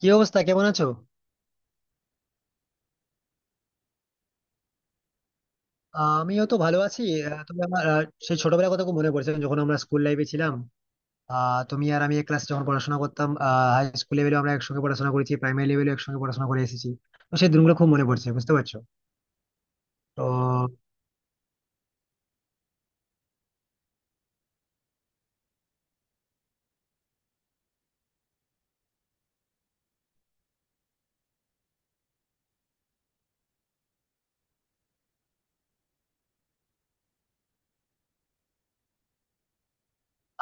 কি অবস্থা, কেমন আছো? আমিও তো ভালো আছি। তবে আমার সেই ছোটবেলার কথা খুব মনে পড়ছে, যখন আমরা স্কুল লাইফে ছিলাম। তুমি আর আমি এক ক্লাসে যখন পড়াশোনা করতাম। হাই স্কুল লেভেলে আমরা একসঙ্গে পড়াশোনা করেছি, প্রাইমারি লেভেলে একসঙ্গে পড়াশোনা করে এসেছি। তো সেই দিনগুলো খুব মনে পড়ছে, বুঝতে পারছো? তো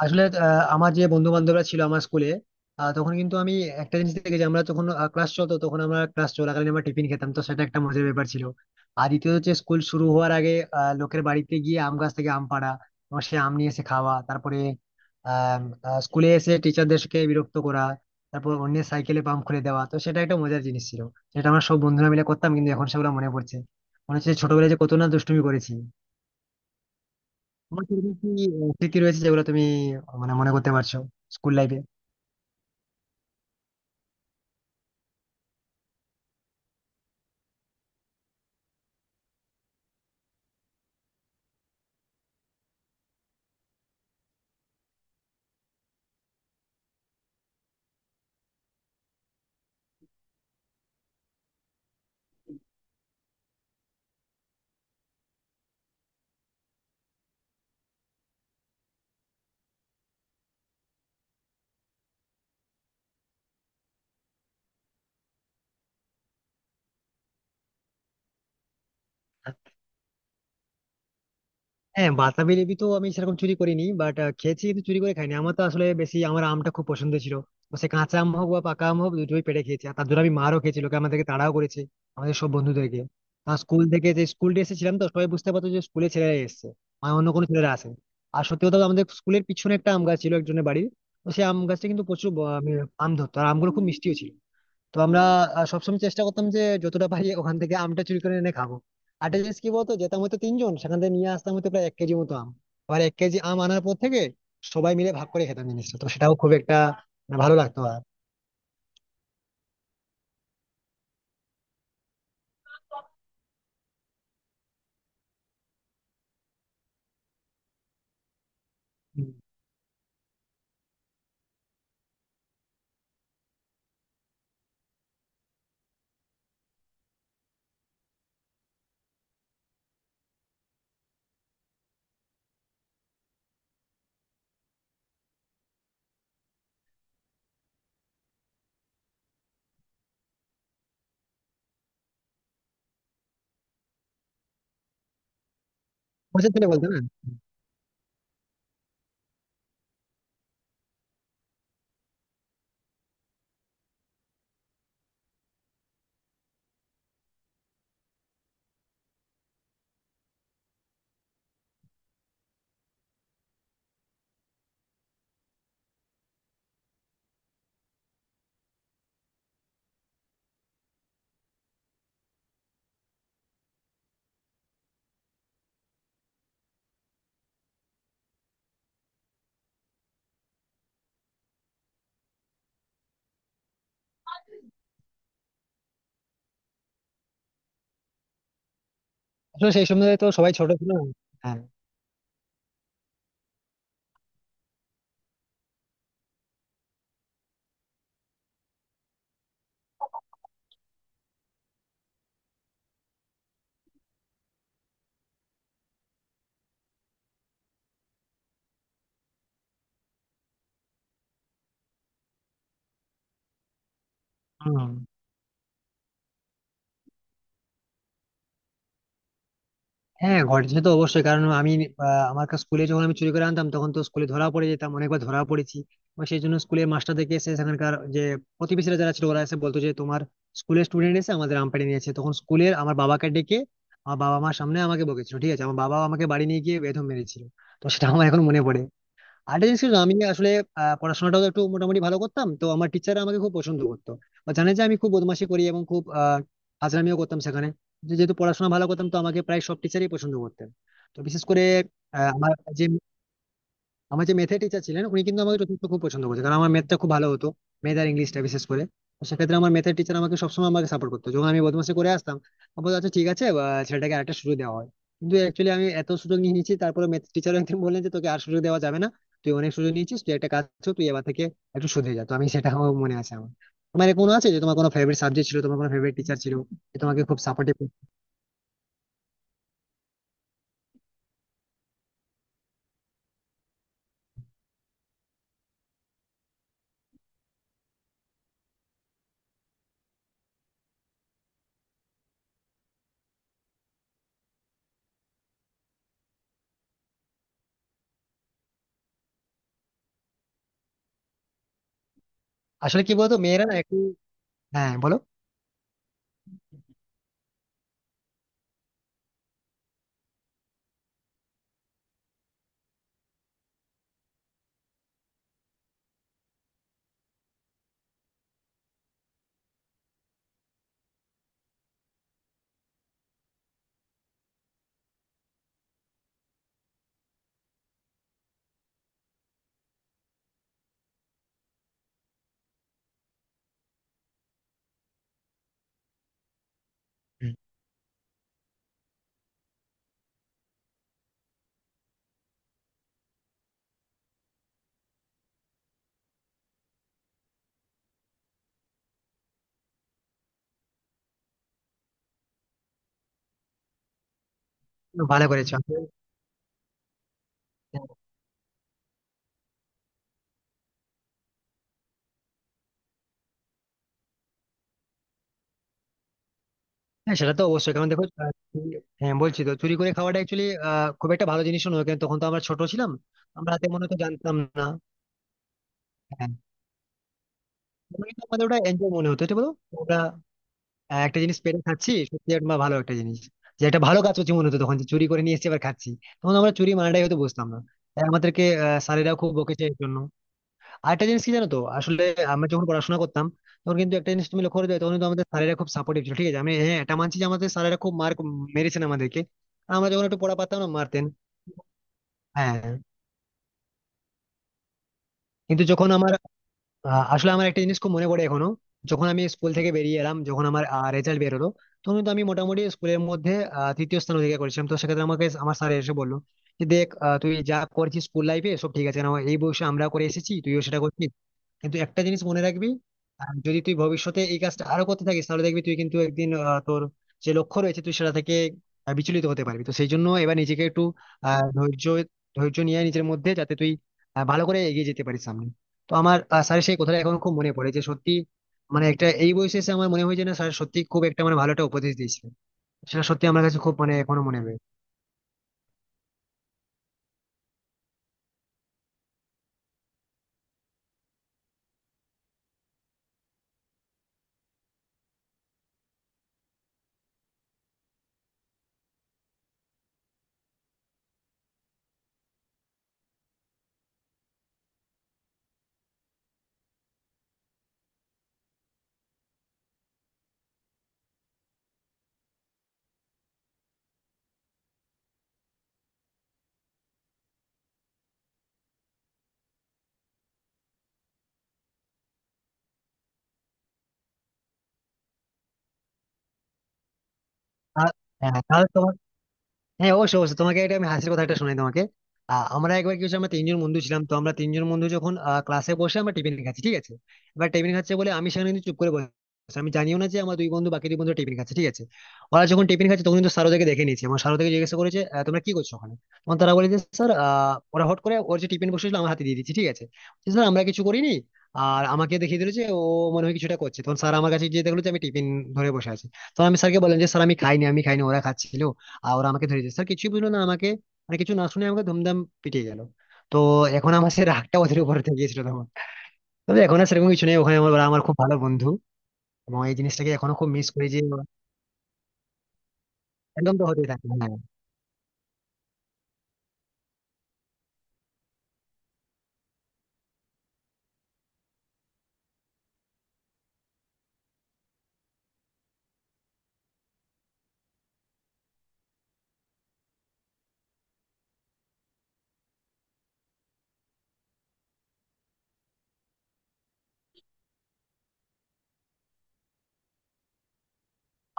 আসলে আমার যে বন্ধু বান্ধবরা ছিল আমার স্কুলে, তখন কিন্তু আমি একটা জিনিস দেখেছি, আমরা যখন ক্লাস চলতো তখন আমরা ক্লাস চলাকালীন আমরা টিফিন খেতাম, তো সেটা একটা মজার ব্যাপার ছিল। আর দ্বিতীয়ত হচ্ছে স্কুল শুরু হওয়ার আগে লোকের বাড়িতে গিয়ে আম গাছ থেকে আম পাড়া, এবং সে আম নিয়ে এসে খাওয়া, তারপরে আহ আহ, স্কুলে এসে টিচারদেরকে বিরক্ত করা, তারপর অন্যের সাইকেলে পাম্প খুলে দেওয়া, তো সেটা একটা মজার জিনিস ছিল। সেটা আমরা সব বন্ধুরা মিলে করতাম, কিন্তু এখন সেগুলো মনে পড়ছে। মনে হচ্ছে ছোটবেলায় যে কত না দুষ্টুমি করেছি। তোমার কিরকম কি স্মৃতি রয়েছে যেগুলো তুমি মানে মনে করতে পারছো স্কুল লাইফে? হ্যাঁ, বাতাবি লেবু তো আমি সেরকম চুরি করিনি, বাট খেয়েছি, কিন্তু চুরি করে খাইনি। আমার তো আসলে বেশি আমার আমটা খুব পছন্দ ছিল। তো সে কাঁচা আম হোক বা পাকা আম হোক দুটোই পেড়ে খেয়েছি, আর তার জন্য আমি মারও খেয়েছি, লোকে আমাদেরকে তাড়াও করেছে। আমাদের সব বন্ধুদেরকে। আর স্কুল থেকে যে স্কুল ডে এসেছিলাম, তো সবাই বুঝতে পারতো যে স্কুলে ছেলেরা এসেছে। মানে অন্য কোনো ছেলেরা আসে। আর সত্যি কথা বলতে আমাদের স্কুলের পিছনে একটা আম গাছ ছিল একজনের বাড়ির। তো সেই আম গাছটা কিন্তু প্রচুর আম ধরতো, আর আমগুলো খুব মিষ্টিও ছিল। তো আমরা সবসময় চেষ্টা করতাম যে যতটা পারি ওখান থেকে আমটা চুরি করে এনে খাবো। আরেকটা জিনিস কি বলতো, যেতাম হয়তো তিনজন, সেখান থেকে নিয়ে আসতাম হয়তো প্রায় এক কেজি মতো আম। আবার এক কেজি আম আনার পর থেকে সবাই মিলে ভাগ করে খেতাম জিনিসটা, তো সেটাও খুব একটা মানে ভালো লাগতো, আর মজার ছিল, বলতে না? আসলে সেই সময় তো সবাই ছোট ছিল। হ্যাঁ। হম। হ্যাঁ, ঘটেছে তো অবশ্যই। কারণ আমি আমার কাছে স্কুলে যখন আমি চুরি করে আনতাম তখন তো স্কুলে ধরা পড়ে যেতাম, অনেকবার ধরা পড়েছি। এবং সেই জন্য স্কুলের মাস্টার দেখে এসে সেখানকার যে প্রতিবেশীরা যারা ছিল ওরা এসে বলতো যে, তোমার স্কুলের স্টুডেন্ট এসে আমাদের আম পেড়ে নিয়েছে। তখন স্কুলের আমার বাবাকে ডেকে আমার বাবা মার সামনে আমাকে বকেছিল, ঠিক আছে? আমার বাবা আমাকে বাড়ি নিয়ে গিয়ে বেদম মেরেছিল। তো সেটা আমার এখন মনে পড়ে। আরেকটা জিনিস কি জানো, আমি আসলে পড়াশোনাটাও একটু মোটামুটি ভালো করতাম, তো আমার টিচাররা আমাকে খুব পছন্দ করতো। বা জানে যে আমি খুব বদমাশি করি এবং খুব ফাজলামিও করতাম সেখানে। যেহেতু পড়াশোনা ভালো করতাম তো আমাকে প্রায় সব টিচারই পছন্দ করতেন। তো বিশেষ করে আহ, আমার যে আমার যে ম্যাথের টিচার ছিলেন উনি কিন্তু আমাকে যথেষ্ট খুব পছন্দ করতেন, কারণ আমার ম্যাথটা খুব ভালো হতো। ম্যাথ আর ইংলিশটা বিশেষ করে। তো সেক্ষেত্রে আমার ম্যাথের টিচার আমাকে সবসময় আমাকে সাপোর্ট করতো যখন আমি বদমাশি করে আসতাম। আমি বলতো আচ্ছা ঠিক আছে, ছেলেটাকে আরেকটা সুযোগ দেওয়া হয়। কিন্তু অ্যাকচুয়ালি আমি এত সুযোগ নিয়ে নিয়েছি, তারপরে ম্যাথ টিচার একদিন বললেন যে তোকে আর সুযোগ দেওয়া যাবে না। তুই অনেক সুযোগ নিয়েছিস, তুই একটা কাজ কর, তুই এবার থেকে একটু শুধরে যা। তো আমি সেটা আমার মনে আছে আমার। তোমার কোনো আছে যে তোমার কোনো ফেভারিট সাবজেক্ট ছিল, তোমার কোনো ফেভারিট টিচার ছিল যে তোমাকে খুব সাপোর্টিভ? আসলে কি বলতো, মেয়েরা না একটু... হ্যাঁ, বলো। হুম। ভালো করেছো। হ্যাঁ, সেটা তো অবশ্যই। কারণ দেখো হ্যাঁ বলছি তো, চুরি করে খাওয়াটা অ্যাকচুয়ালি খুব একটা ভালো জিনিস নয়, কারণ তখন তো আমরা ছোট ছিলাম। আমরা তেমন হয়তো জানতাম না। হ্যাঁ। তখন কিন্তু আমাদের ওটা এনজয় মনে হতো, এটা বলো। আমরা একটা জিনিস পেরে খাচ্ছি সত্যি একটা ভালো একটা জিনিস, যে একটা ভালো কাজ করছি মনে হতো তখন, যে চুরি করে নিয়ে এসে এবার খাচ্ছি। তখন আমরা চুরি মানেটাই হয়তো বুঝতাম না। তাই আমাদেরকে স্যারেরাও খুব বকেছে এর জন্য। আরেকটা জিনিস কি জানো তো আসলে, আমরা যখন পড়াশোনা করতাম তখন কিন্তু একটা জিনিস তুমি লক্ষ্য করে যাও, তখন কিন্তু আমাদের স্যারেরা খুব সাপোর্টিভ ছিল। ঠিক আছে, আমি হ্যাঁ এটা মানছি যে আমাদের স্যারেরা খুব মার্ক মেরেছেন আমাদেরকে। আর আমরা যখন একটু পড়া পারতাম না মারতেন। হ্যাঁ। কিন্তু যখন আমার আসলে আমার একটা জিনিস খুব মনে পড়ে এখনো। যখন আমি স্কুল থেকে বেরিয়ে এলাম, যখন আমার রেজাল্ট বেরোলো, তখন কিন্তু আমি মোটামুটি স্কুলের মধ্যে তৃতীয় স্থান অধিকার করেছিলাম, তো সেক্ষেত্রে আমাকে আমার স্যার এসে বললো যে দেখ, তুই যা করেছিস স্কুল লাইফে সব ঠিক আছে, না এই বয়সে আমরা করে এসেছি তুইও সেটা করছিস। কিন্তু একটা জিনিস মনে রাখবি, যদি তুই ভবিষ্যতে এই কাজটা আরো করতে থাকিস, তাহলে দেখবি তুই কিন্তু একদিন তোর যে লক্ষ্য রয়েছে তুই সেটা থেকে বিচলিত হতে পারবি। তো সেই জন্য এবার নিজেকে একটু ধৈর্য ধৈর্য নিয়ে নিজের মধ্যে, যাতে তুই ভালো করে এগিয়ে যেতে পারিস সামনে। তো আমার স্যারের সেই কথাটা এখন খুব মনে পড়ে, যে সত্যি, মানে একটা এই বয়সে এসে আমার মনে হয় যে না, স্যার সত্যি খুব একটা মানে ভালো একটা উপদেশ দিয়েছিলেন। সেটা সত্যি আমার কাছে খুব মানে এখনো মনে হয়। আর, হ্যাঁ, তাহলে তোমার... হ্যাঁ, অবশ্যই অবশ্যই তোমাকে এটা আমি হাসির কথা একটা শোনাই তোমাকে। আমরা একবার কি হচ্ছে, আমরা তিনজন বন্ধু ছিলাম, তো আমরা তিনজন বন্ধু যখন ক্লাসে বসে আমরা টিফিন খাচ্ছি, ঠিক আছে। এবার টিফিন খাচ্ছে বলে আমি সেখানে কিন্তু চুপ করে বসে আছি। আমি জানিও না যে আমার দুই বন্ধু বাকি দুই বন্ধু টিফিন খাচ্ছে, ঠিক আছে। ওরা যখন টিফিন খাচ্ছে তখন কিন্তু স্যার ওদেরকে দেখে নিয়েছে, আমার স্যার ওদেরকে জিজ্ঞেস করেছে তোমরা কি করছো ওখানে? তখন তারা বলে যে স্যার, ওরা হট করে ওর যে টিফিন বসেছিল আমার হাতে দিয়ে দিচ্ছে, ঠিক আছে। স্যার আমরা কিছু করিনি। আর আমাকে দেখিয়ে দিল যে ও মনে হয় কিছুটা করছে, তখন স্যার আমার কাছে গিয়ে দেখলো যে আমি টিফিন ধরে বসে আছি। তখন আমি স্যারকে বললাম যে স্যার আমি খাইনি, আমি খাইনি, ওরা খাচ্ছিল। আর ওরা আমাকে ধরিয়ে দিয়েছে, স্যার কিছুই বুঝলো না আমাকে, মানে কিছু না শুনে আমাকে ধুমধাম পিটিয়ে গেল। তো এখন আমার সেই রাগটা ওদের উপর থেকে গিয়েছিল তখন। তবে এখন আর সেরকম কিছু নেই ওখানে, ওরা আমার খুব ভালো বন্ধু। এবং এই জিনিসটাকে এখনো খুব মিস করি যে একদম তো হতেই থাকে, হ্যাঁ।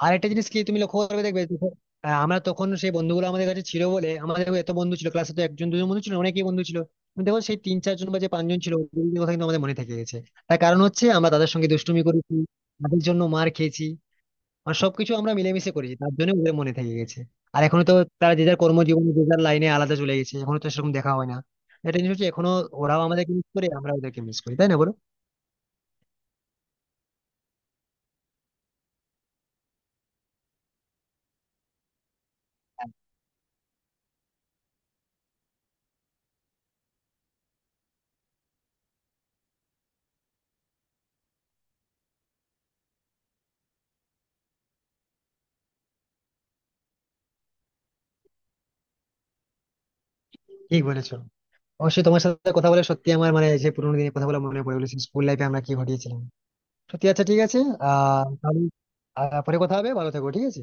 আর একটা জিনিস কি, তুমি লক্ষ্য করবে দেখবে, দেখো, আমরা তখন সেই বন্ধুগুলো আমাদের কাছে ছিল বলে, আমাদের এত বন্ধু ছিল ক্লাসে, তো একজন দুজন বন্ধু ছিল না, অনেকেই বন্ধু ছিল। কিন্তু দেখো সেই তিন চারজন বা যে পাঁচজন ছিল ওদের কথা কিন্তু আমাদের মনে থেকে গেছে। তার কারণ হচ্ছে আমরা তাদের সঙ্গে দুষ্টুমি করেছি, তাদের জন্য মার খেয়েছি, মানে সবকিছু আমরা মিলেমিশে করেছি, তার জন্য ওদের মনে থেকে গেছে। আর এখনো তো তারা যে যার কর্মজীবনে যে যার লাইনে আলাদা চলে গেছে, এখনো তো সেরকম দেখা হয় না। এটা জিনিস হচ্ছে এখনো। ওরাও আমাদেরকে মিস করে, আমরা ওদেরকে মিস করি, তাই না বলো? ঠিক বলেছো। অবশ্যই তোমার সাথে কথা বলে সত্যি আমার মানে, যে পুরোনো দিনের কথা বলে মনে পড়ে গেলো স্কুল লাইফে আমরা কি ঘটিয়েছিলাম। সত্যি, আচ্ছা ঠিক আছে। তাহলে পরে কথা হবে, ভালো থেকো, ঠিক আছে।